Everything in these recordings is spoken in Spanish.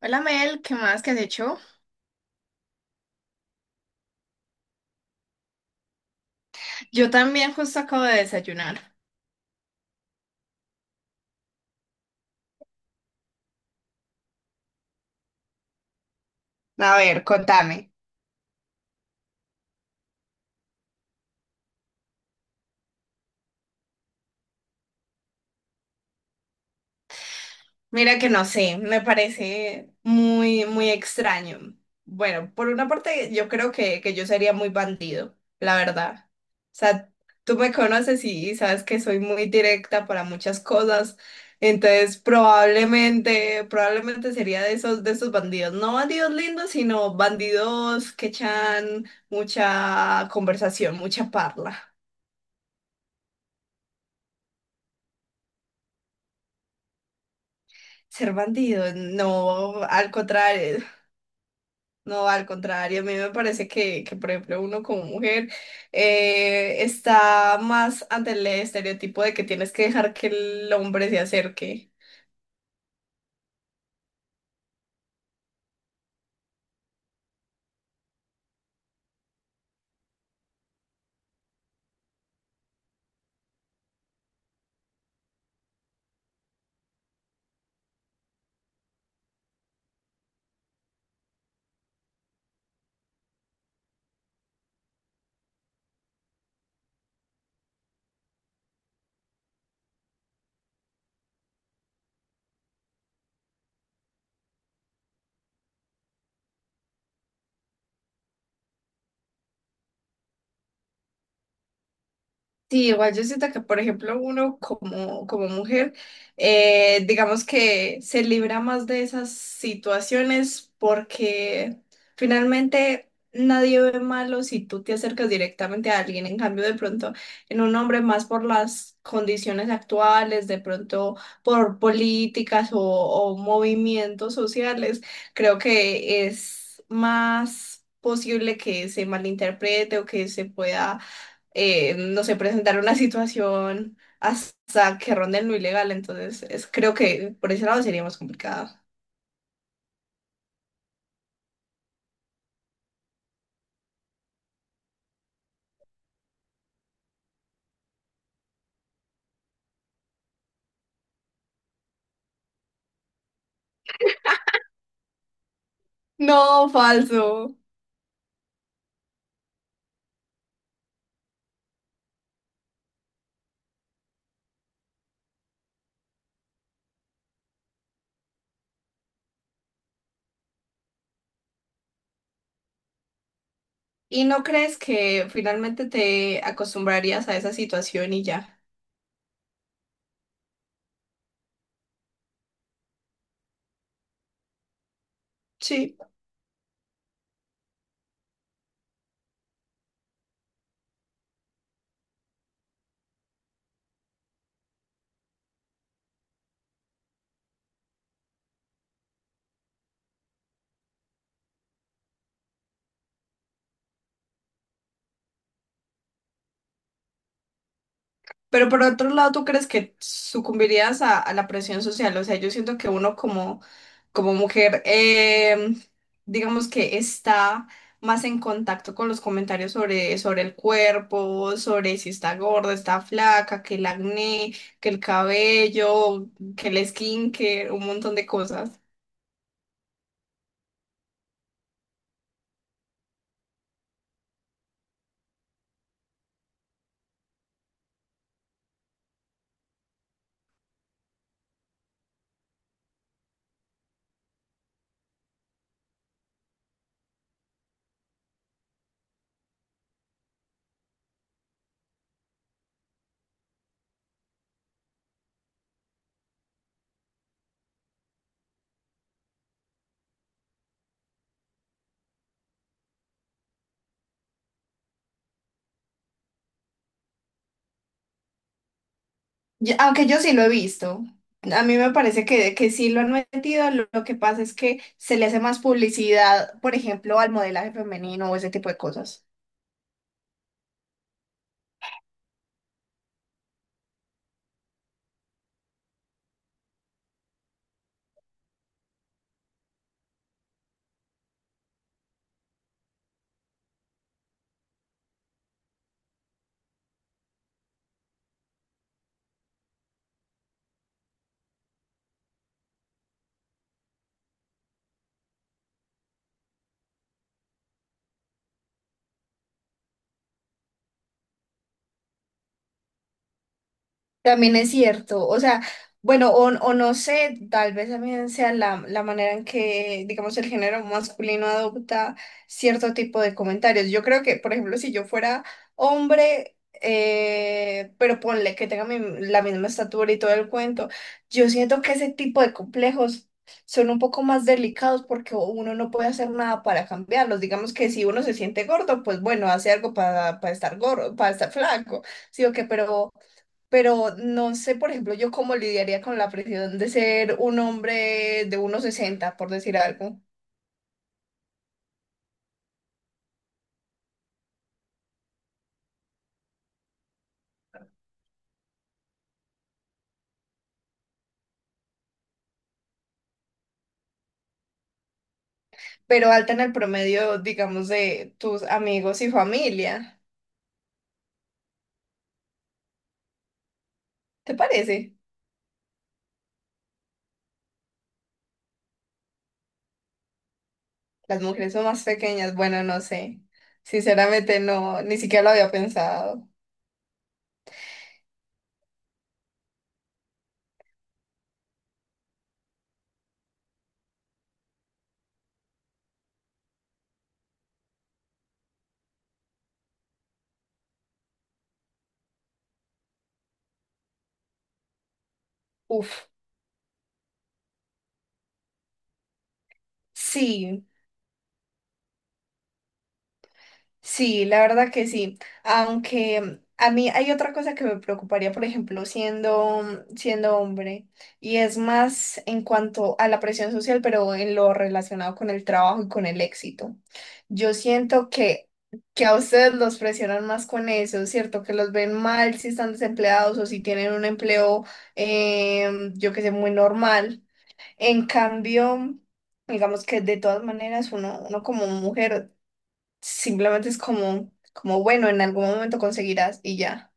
Hola Mel, ¿qué más? ¿Qué has hecho? Yo también justo acabo de desayunar. A ver, contame. Mira que no sé, me parece muy, muy extraño. Bueno, por una parte yo creo que yo sería muy bandido, la verdad. O sea, tú me conoces y sabes que soy muy directa para muchas cosas, entonces probablemente sería de esos bandidos. No bandidos lindos, sino bandidos que echan mucha conversación, mucha parla. Ser bandido, no, al contrario, no, al contrario, a mí me parece que por ejemplo, uno como mujer está más ante el estereotipo de que tienes que dejar que el hombre se acerque. Sí, igual yo siento que, por ejemplo, uno como, como mujer, digamos que se libra más de esas situaciones porque finalmente nadie ve malo si tú te acercas directamente a alguien. En cambio, de pronto, en un hombre más por las condiciones actuales, de pronto por políticas o movimientos sociales, creo que es más posible que se malinterprete o que se pueda no sé, presentar una situación hasta que ronde en lo ilegal. Entonces, es, creo que por ese lado sería más complicado. No, falso. ¿Y no crees que finalmente te acostumbrarías a esa situación y ya? Sí. Pero por otro lado, ¿tú crees que sucumbirías a la presión social? O sea, yo siento que uno como, como mujer, digamos que está más en contacto con los comentarios sobre, sobre el cuerpo, sobre si está gorda, está flaca, que el acné, que el cabello, que el skincare, un montón de cosas. Yo- Aunque yo sí lo he visto. A mí me parece que sí lo han metido. Lo que pasa es que se le hace más publicidad, por ejemplo, al modelaje femenino o ese tipo de cosas. También es cierto, o sea, bueno, o no sé, tal vez también sea la manera en que, digamos, el género masculino adopta cierto tipo de comentarios. Yo creo que, por ejemplo, si yo fuera hombre, pero ponle que tenga mi- la misma estatura y todo el cuento, yo siento que ese tipo de complejos son un poco más delicados porque uno no puede hacer nada para cambiarlos. Digamos que si uno se siente gordo, pues bueno, hace algo para estar gordo, para estar flaco, sí o qué, pero no sé, por ejemplo, yo cómo lidiaría con la presión de ser un hombre de 1,60, por decir algo, pero alta en el promedio, digamos, de tus amigos y familia. ¿Te parece? Las mujeres son más pequeñas, bueno, no sé. Sinceramente no, ni siquiera lo había pensado. Uf, sí. Sí, la verdad que sí. Aunque a mí hay otra cosa que me preocuparía, por ejemplo, siendo, siendo hombre, y es más en cuanto a la presión social, pero en lo relacionado con el trabajo y con el éxito. Yo siento que a ustedes los presionan más con eso, ¿cierto? Que los ven mal si están desempleados o si tienen un empleo, yo que sé, muy normal. En cambio... Digamos que de todas maneras uno como mujer simplemente es como, como, bueno, en algún momento conseguirás y ya.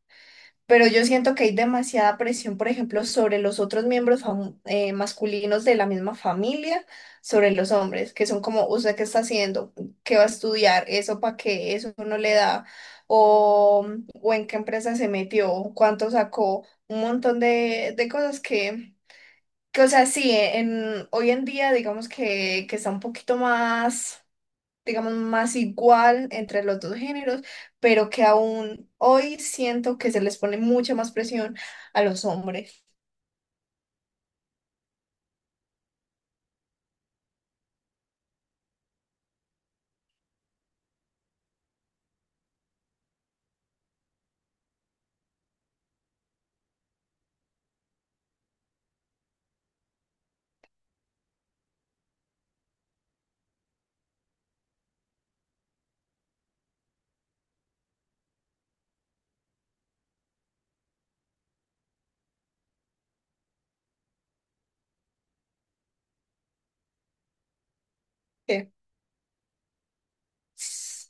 Pero yo siento que hay demasiada presión, por ejemplo, sobre los otros miembros fam- masculinos de la misma familia, sobre los hombres, que son como, ¿usted qué está haciendo? ¿Qué va a estudiar? ¿Eso para qué? ¿Eso no le da? ¿O, o en qué empresa se metió? ¿Cuánto sacó? Un montón de cosas que, o sea, sí, en, hoy en día digamos que está un poquito más digamos, más igual entre los dos géneros, pero que aún hoy siento que se les pone mucha más presión a los hombres. que s-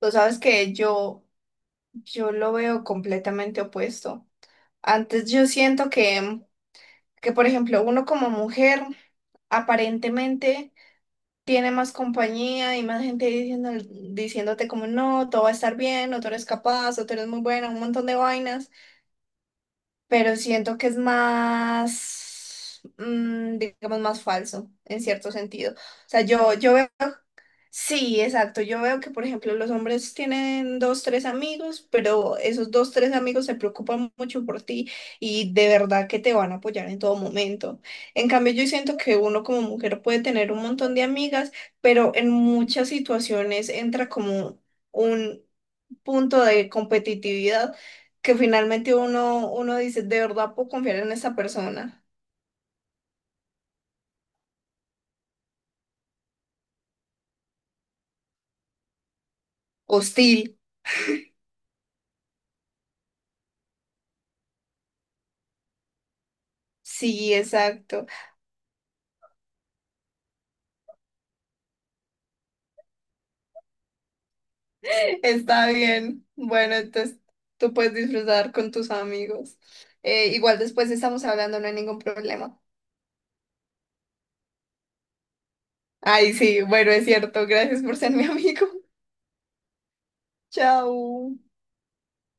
Tú sabes que yo lo veo completamente opuesto. Antes yo siento que, por ejemplo, uno como mujer aparentemente tiene más compañía y más gente diciendo, diciéndote como no, todo va a estar bien, o tú eres capaz, o tú eres muy buena, un montón de vainas. Pero siento que es más, digamos, más falso en cierto sentido. O sea, yo veo, sí, exacto, yo veo que, por ejemplo, los hombres tienen dos, tres amigos, pero esos dos, tres amigos se preocupan mucho por ti y de verdad que te van a apoyar en todo momento. En cambio, yo siento que uno como mujer puede tener un montón de amigas, pero en muchas situaciones entra como... un punto de competitividad que finalmente uno dice, ¿de verdad puedo confiar en esa persona? Hostil. Sí, exacto. Está bien. Bueno, entonces tú puedes disfrutar con tus amigos. Igual después estamos hablando, no hay ningún problema. Ay, sí, bueno, es cierto. Gracias por ser mi amigo. Chao.